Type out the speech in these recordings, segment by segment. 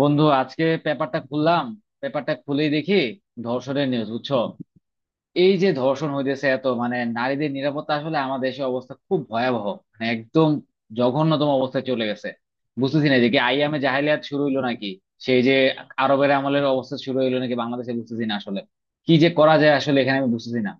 বন্ধু, আজকে পেপারটা খুললাম। পেপারটা খুলেই দেখি ধর্ষণের নিউজ, বুঝছো? এই যে ধর্ষণ হইতেছে, এত মানে নারীদের নিরাপত্তা আসলে আমাদের দেশে অবস্থা খুব ভয়াবহ। মানে একদম জঘন্যতম অবস্থায় চলে গেছে। বুঝতেছি না যে কি আইয়ামে জাহেলিয়াত শুরু হইলো নাকি, সেই যে আরবের আমলের অবস্থা শুরু হইলো নাকি বাংলাদেশে, বুঝতেছি না আসলে। কি যে করা যায় আসলে এখানে, আমি বুঝতেছি না।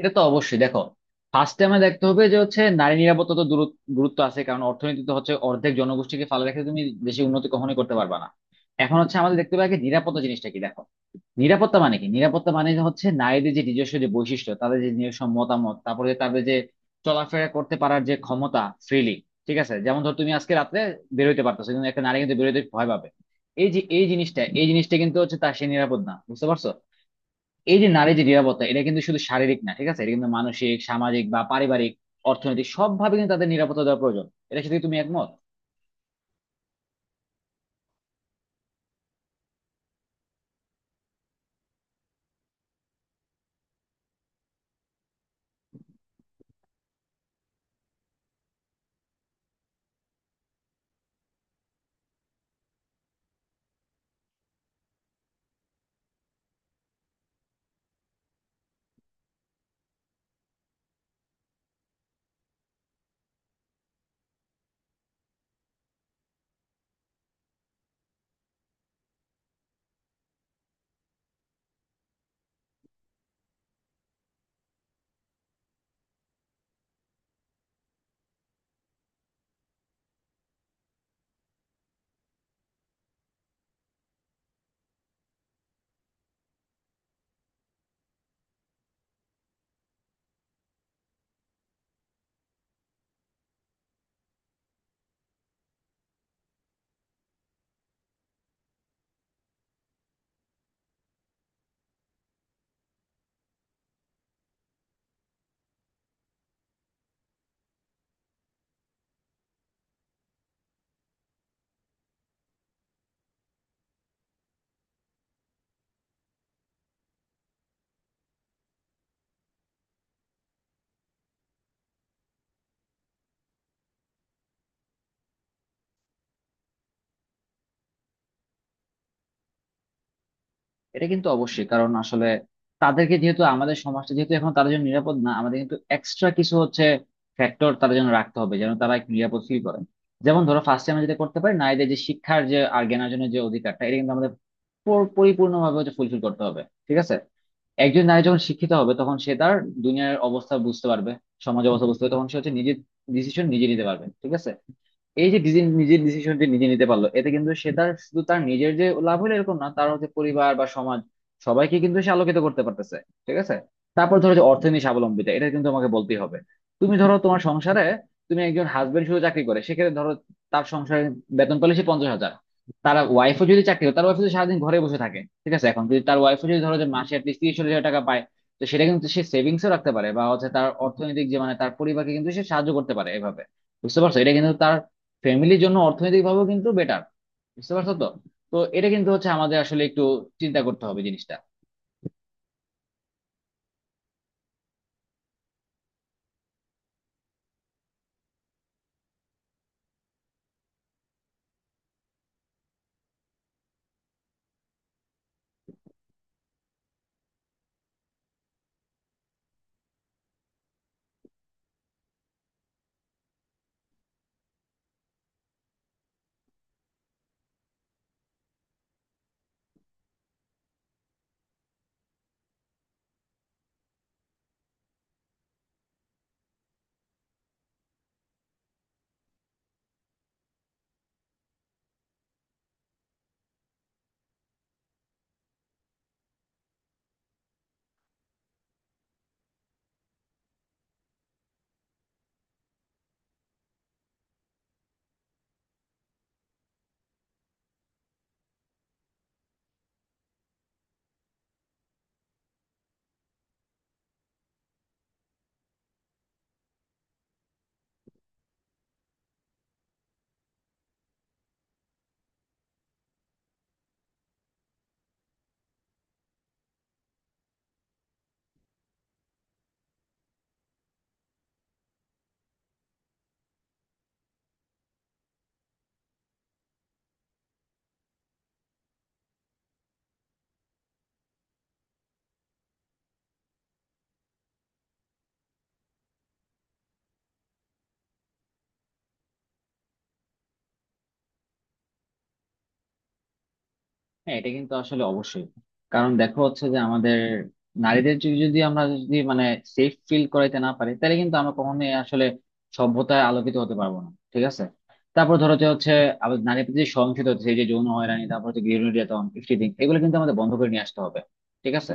এটা তো অবশ্যই, দেখো, ফার্স্টে আমরা দেখতে হবে যে হচ্ছে নারী নিরাপত্তা তো গুরুত্ব আছে, কারণ অর্থনীতিতে হচ্ছে অর্ধেক জনগোষ্ঠীকে ফালে রেখে তুমি দেশে উন্নতি কখনোই করতে পারবে না। এখন হচ্ছে আমাদের দেখতে হবে আগে নিরাপত্তা জিনিসটা কি। দেখো, নিরাপত্তা মানে কি? নিরাপত্তা মানে যে হচ্ছে নারীদের যে নিজস্ব যে বৈশিষ্ট্য, তাদের যে নিজস্ব মতামত, তারপরে যে তাদের যে চলাফেরা করতে পারার যে ক্ষমতা ফ্রিলি। ঠিক আছে, যেমন ধর তুমি আজকে রাত্রে বেরোইতে পারতেছো, কিন্তু একটা নারী কিন্তু বেরোতে ভয় পাবে। এই যে এই জিনিসটা, এই জিনিসটা কিন্তু হচ্ছে তার সে নিরাপদ না, বুঝতে পারছো? এই যে নারী যে নিরাপত্তা, এটা কিন্তু শুধু শারীরিক না, ঠিক আছে, এটা কিন্তু মানসিক, সামাজিক বা পারিবারিক, অর্থনৈতিক সবভাবে কিন্তু তাদের নিরাপত্তা দেওয়া প্রয়োজন। এটা সাথে কি তুমি একমত? এটা কিন্তু অবশ্যই, কারণ আসলে তাদেরকে যেহেতু আমাদের সমাজটা যেহেতু এখন তাদের জন্য নিরাপদ না, আমাদের কিন্তু এক্সট্রা কিছু হচ্ছে ফ্যাক্টর তাদের জন্য রাখতে হবে যেন তারা একটু নিরাপদ ফিল করেন। যেমন ধরো, ফার্স্টে আমরা যেটা করতে পারি, নারীদের যে শিক্ষার যে আর জ্ঞানের জন্য যে অধিকারটা, এটা কিন্তু আমাদের পরিপূর্ণভাবে হচ্ছে ফুলফিল করতে হবে। ঠিক আছে? একজন নারী যখন শিক্ষিত হবে, তখন সে তার দুনিয়ার অবস্থা বুঝতে পারবে, সমাজ অবস্থা বুঝতে পারবে, তখন সে হচ্ছে নিজের ডিসিশন নিজে নিতে পারবে। ঠিক আছে? এই যে নিজের ডিসিশনটি নিজে নিতে পারলো, এতে কিন্তু সে তার শুধু তার নিজের যে লাভ হলো এরকম না, তার হচ্ছে পরিবার বা সমাজ সবাইকে কিন্তু সে আলোকিত করতে পারতেছে। ঠিক আছে? তারপর ধরো যে অর্থনীতি স্বাবলম্বিতা, এটা কিন্তু তোমাকে বলতেই হবে। তুমি ধরো তোমার সংসারে তুমি একজন হাজবেন্ড শুধু চাকরি করে, সেক্ষেত্রে ধরো তার সংসারে বেতন পেলে সে 50,000। তার ওয়াইফও যদি চাকরি করে, তার ওয়াইফ যদি সারাদিন ঘরে বসে থাকে, ঠিক আছে, এখন যদি তার ওয়াইফও যদি ধরো যে মাসে অ্যাটলিস্ট 30-40 হাজার টাকা পায়, তো সেটা কিন্তু সে সেভিংসও রাখতে পারে, বা হচ্ছে তার অর্থনৈতিক যে মানে তার পরিবারকে কিন্তু সে সাহায্য করতে পারে এভাবে। বুঝতে পারছো? এটা কিন্তু তার ফ্যামিলির জন্য অর্থনৈতিকভাবেও কিন্তু বেটার। বুঝতে পারছো তো? তো এটা কিন্তু হচ্ছে আমাদের আসলে একটু চিন্তা করতে হবে জিনিসটা। হ্যাঁ, এটা কিন্তু আসলে অবশ্যই। কারণ দেখো, হচ্ছে যে আমাদের নারীদের যদি, আমরা যদি মানে সেফ ফিল করাইতে না পারি, তাহলে কিন্তু আমরা কখনোই আসলে সভ্যতায় আলোকিত হতে পারবো না। ঠিক আছে? তারপর ধরো যে হচ্ছে আবার নারী প্রতি যে সহিংসতা হচ্ছে এই যে যৌন হয়রানি, তারপর হচ্ছে গৃহ নির্যাতন ইত্যাদি, এগুলো কিন্তু আমাদের বন্ধ করে নিয়ে আসতে হবে। ঠিক আছে?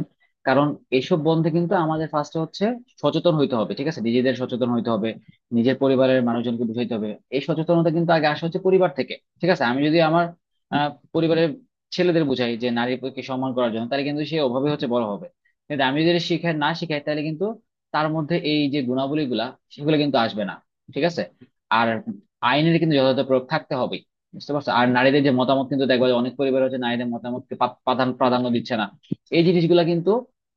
কারণ এইসব বন্ধে কিন্তু আমাদের ফার্স্টে হচ্ছে সচেতন হইতে হবে, ঠিক আছে, নিজেদের সচেতন হইতে হবে, নিজের পরিবারের মানুষজনকে বুঝাইতে হবে। এই সচেতনতা কিন্তু আগে আসা হচ্ছে পরিবার থেকে। ঠিক আছে? আমি যদি আমার আহ, পরিবারের ছেলেদের বোঝাই যে নারী প্রতি সম্মান করার জন্য, তাহলে কিন্তু সে ওভাবে হচ্ছে বড় হবে। কিন্তু আমি যদি শিখাই না শিখাই, তাহলে কিন্তু তার মধ্যে এই যে গুণাবলী গুলা সেগুলো কিন্তু আসবে না। ঠিক আছে? আর আইনের কিন্তু যথাযথ প্রয়োগ থাকতে হবে। বুঝতে পারছো? আর নারীদের যে মতামত, কিন্তু দেখবা যে অনেক পরিবার হচ্ছে নারীদের মতামতকে পা- প্রাধান্য প্রাধান্য দিচ্ছে না। এই জিনিসগুলা কিন্তু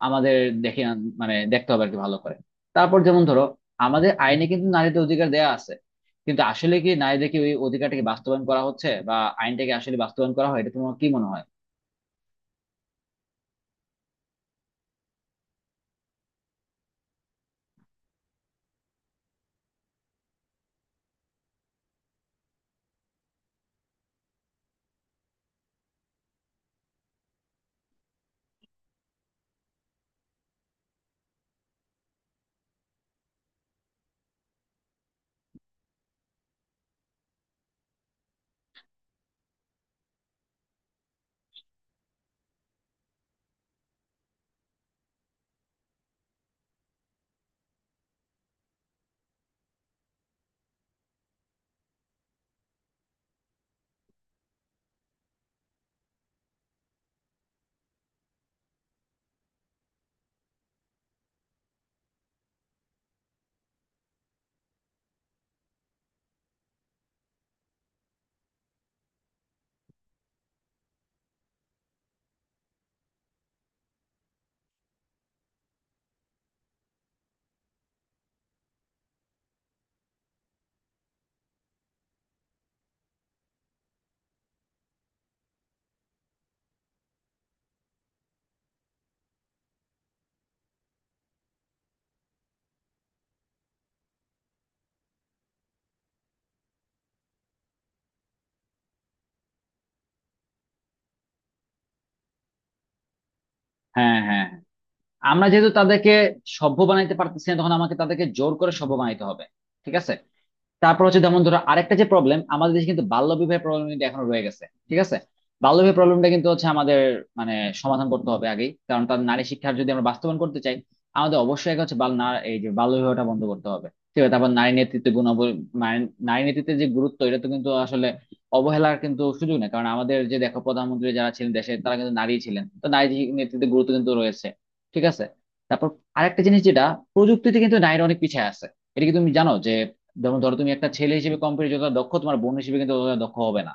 আমাদের মানে দেখতে হবে আর কি ভালো করে। তারপর যেমন ধরো, আমাদের আইনে কিন্তু নারীদের অধিকার দেয়া আছে, কিন্তু আসলে কি নারীদের কি ওই অধিকারটাকে বাস্তবায়ন করা হচ্ছে, বা আইনটাকে আসলে বাস্তবায়ন করা হয়, এটা তোমার কি মনে হয়? হ্যাঁ, হ্যাঁ, হ্যাঁ। আমরা যেহেতু তাদেরকে সভ্য বানাইতে পারতেছি না, তখন আমাকে তাদেরকে জোর করে সভ্য বানাইতে হবে। ঠিক আছে? তারপর হচ্ছে যেমন ধরো আরেকটা যে প্রবলেম আমাদের দেশে, কিন্তু বাল্য বিবাহের প্রবলেম কিন্তু এখনো রয়ে গেছে। ঠিক আছে? বাল্য বিবাহ প্রবলেমটা কিন্তু হচ্ছে আমাদের মানে সমাধান করতে হবে আগেই, কারণ তার নারী শিক্ষার যদি আমরা বাস্তবায়ন করতে চাই, আমাদের অবশ্যই আগে হচ্ছে বাল না এই যে বাল্য বিবাহটা বন্ধ করতে হবে। ঠিক আছে? তারপর নারী নেতৃত্বে গুণাবলী, মানে নারী নেতৃত্বের যে গুরুত্ব, এটা তো কিন্তু আসলে অবহেলার কিন্তু সুযোগ নেই, কারণ আমাদের যে দেখো প্রধানমন্ত্রী যারা ছিলেন দেশে তারা কিন্তু নারী ছিলেন, তো নারী নেতৃত্বের গুরুত্ব কিন্তু রয়েছে। ঠিক আছে? তারপর আরেকটা জিনিস, যেটা প্রযুক্তিতে কিন্তু নারীরা অনেক পিছিয়ে আছে। এটা কি তুমি জানো যে, যেমন ধরো তুমি একটা ছেলে হিসেবে কম্পিউটার যতটা দক্ষ, তোমার বোন হিসেবে কিন্তু ততটা দক্ষ হবে না।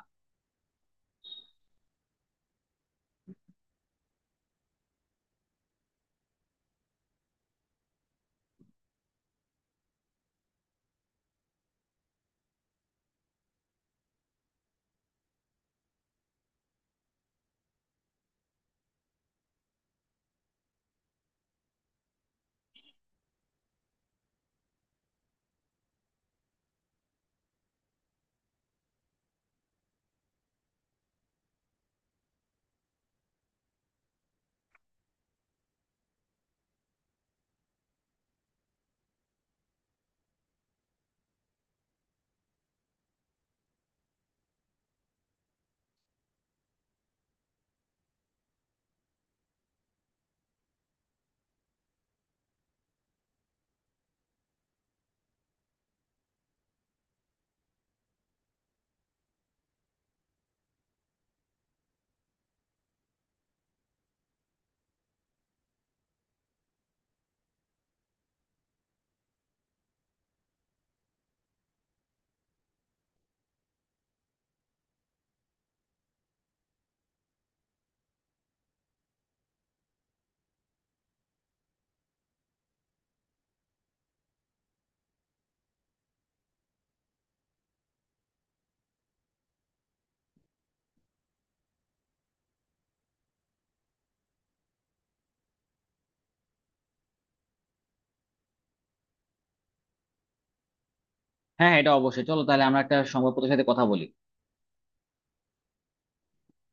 হ্যাঁ, এটা অবশ্যই, চলো তাহলে আমরা একটা সংবাদপত্রের সাথে কথা বলি।